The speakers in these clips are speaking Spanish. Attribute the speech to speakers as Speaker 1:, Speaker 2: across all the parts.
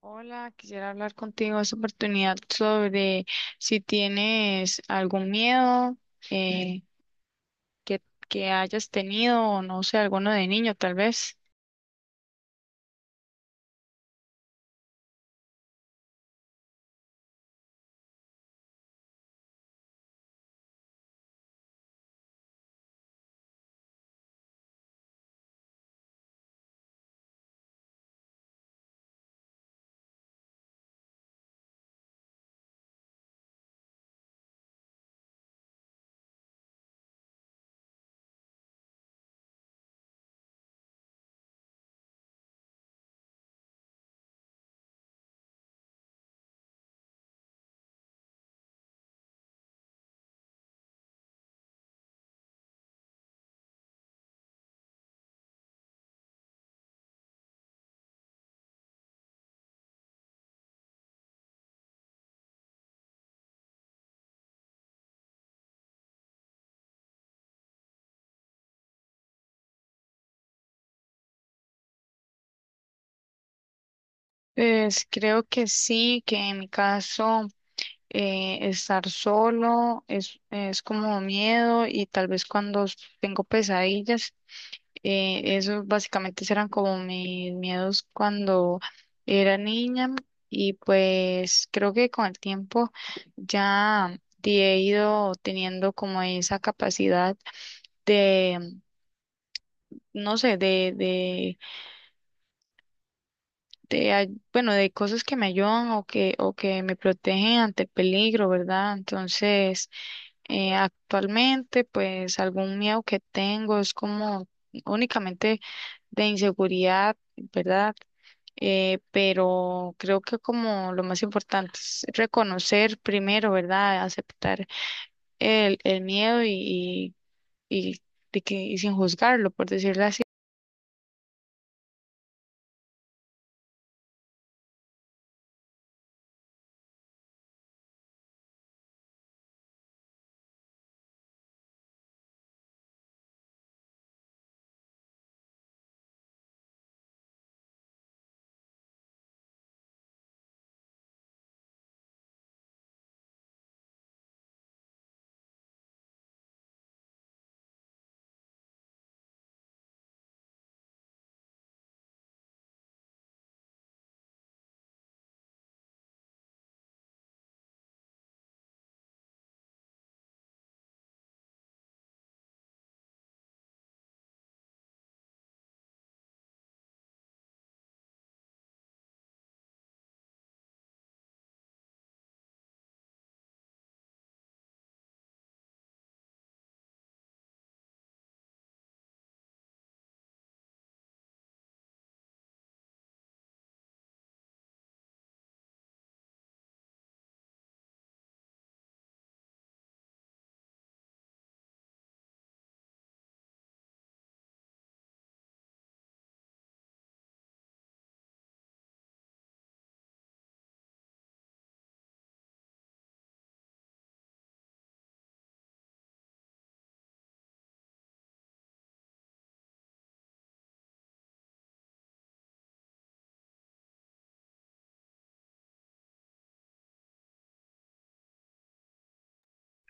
Speaker 1: Hola, quisiera hablar contigo en esta oportunidad sobre si tienes algún miedo eh, que, que hayas tenido o no sé, alguno de niño tal vez. Pues creo que sí, que en mi caso estar es como miedo y tal vez cuando tengo pesadillas. Esos básicamente eran como mis miedos cuando era niña y pues creo que con el tiempo ya he ido teniendo como esa capacidad de, no sé, bueno, de cosas que me ayudan o que me protegen ante el peligro, ¿verdad? Entonces, actualmente, pues algún miedo que tengo es como únicamente de inseguridad, ¿verdad? Pero creo que como lo más importante es reconocer primero, ¿verdad? Aceptar el miedo y, y sin juzgarlo, por decirlo.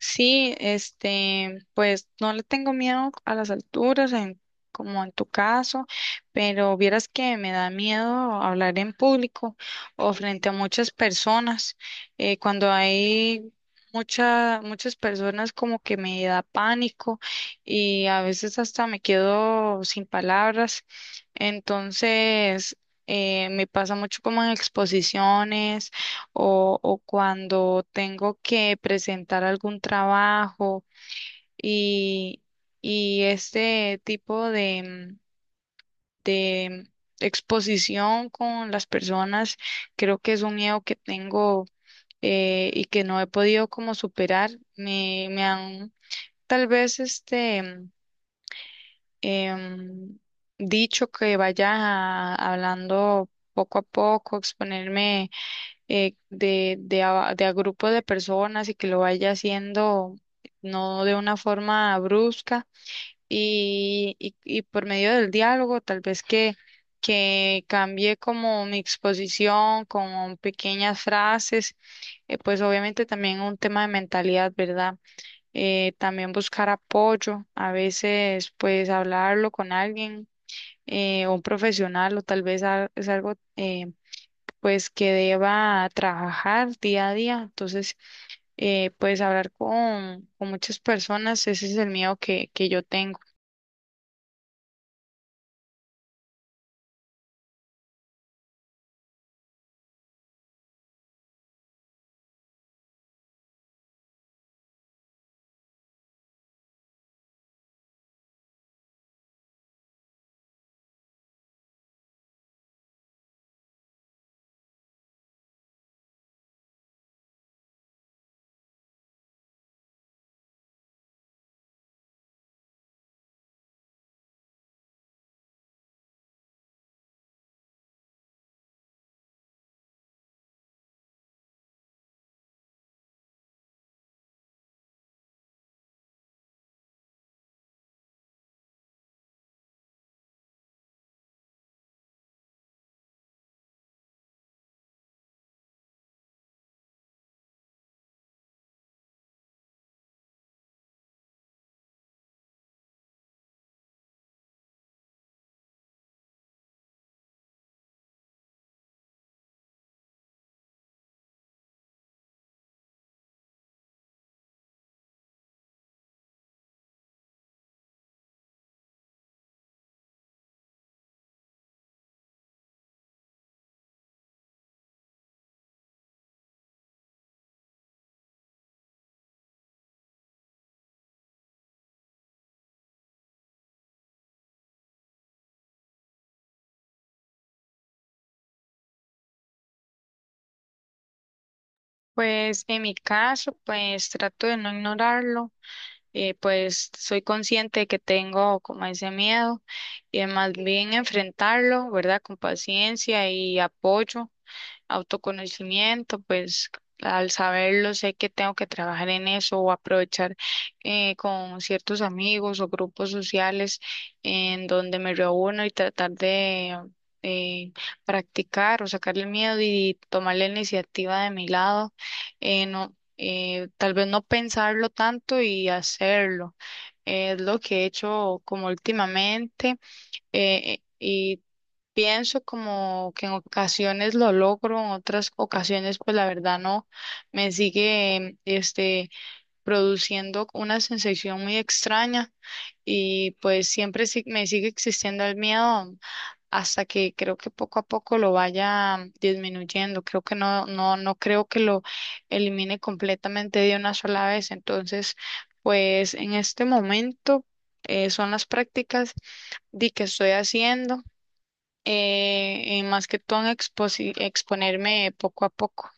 Speaker 1: Sí, este, pues no le tengo miedo a las alturas, como en tu caso, pero vieras que me da miedo hablar en público o frente a muchas personas. Cuando hay muchas personas como que me da pánico y a veces hasta me quedo sin palabras. Entonces, me pasa mucho como en exposiciones o cuando tengo que presentar algún trabajo y, y este tipo de exposición con las personas, creo que es un miedo que tengo y que no he podido como superar. Me han tal vez em, dicho que vaya a- hablando poco a poco, exponerme de a grupos de personas y que lo vaya haciendo no de una forma brusca y por medio del diálogo, tal vez que cambie como mi exposición con pequeñas frases, pues obviamente también un tema de mentalidad, ¿verdad? También buscar apoyo, a veces pues hablarlo con alguien. Un profesional o tal vez al- es algo pues que deba trabajar día a día. Entonces, pues hablar con muchas personas, ese es el miedo que yo tengo. Pues en mi caso, pues trato de no ignorarlo, pues soy consciente de que tengo como ese miedo y más bien enfrentarlo, ¿verdad? Con paciencia y apoyo autoconocimiento, pues al saberlo sé que tengo que trabajar en eso o aprovechar con ciertos amigos o grupos sociales en donde me reúno y tratar de eh, practicar o sacarle el miedo y tomar la iniciativa de mi lado. No, Tal vez no pensarlo tanto y hacerlo. Es lo que he hecho como últimamente y pienso como que en ocasiones lo logro, en otras ocasiones pues la verdad no, me sigue produciendo una sensación muy extraña y pues siempre sí- me sigue existiendo el miedo hasta que creo que poco a poco lo vaya disminuyendo, creo que no creo que lo elimine completamente de una sola vez, entonces pues en este momento son las prácticas de que estoy haciendo y más que todo en exposi- exponerme poco a poco.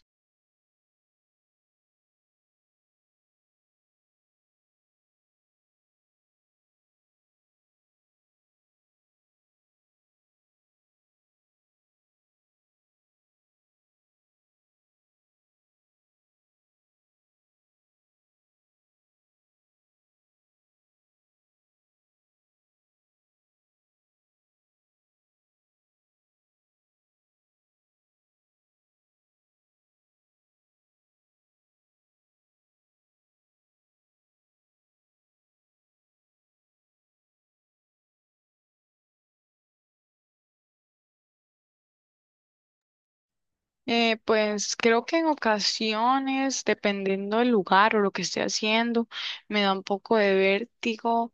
Speaker 1: Pues creo que en ocasiones, dependiendo del lugar o lo que esté haciendo, me da un poco de vértigo.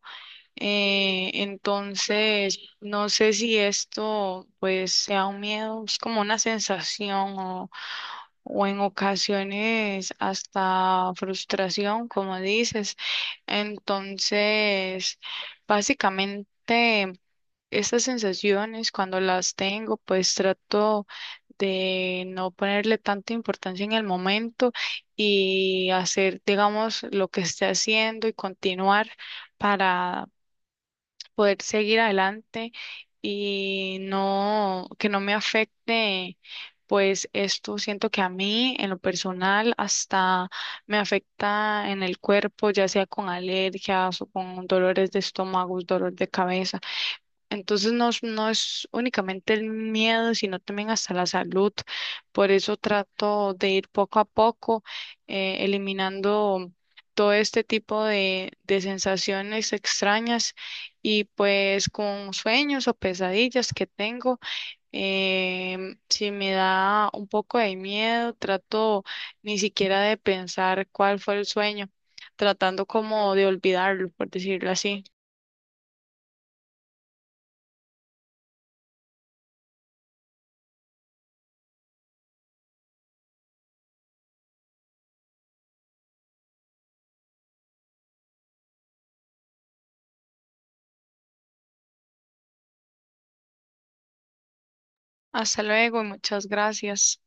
Speaker 1: Entonces, no sé si esto pues sea un miedo, es como una sensación o en ocasiones hasta frustración, como dices. Entonces, básicamente... Estas sensaciones, cuando las tengo, pues trato de no ponerle tanta importancia en el momento y hacer, digamos, lo que esté haciendo y continuar para poder seguir adelante y no, que no me afecte, pues esto siento que a mí, en lo personal, hasta me afecta en el cuerpo, ya sea con alergias o con dolores de estómago, dolor de cabeza. Entonces no, es- no es únicamente el miedo, sino también hasta la salud. Por eso trato de ir poco a poco eliminando todo este tipo de sensaciones extrañas y pues con sueños o pesadillas que tengo, si me da un poco de miedo, trato ni siquiera de pensar cuál fue el sueño, tratando como de olvidarlo, por decirlo así. Hasta luego y muchas gracias.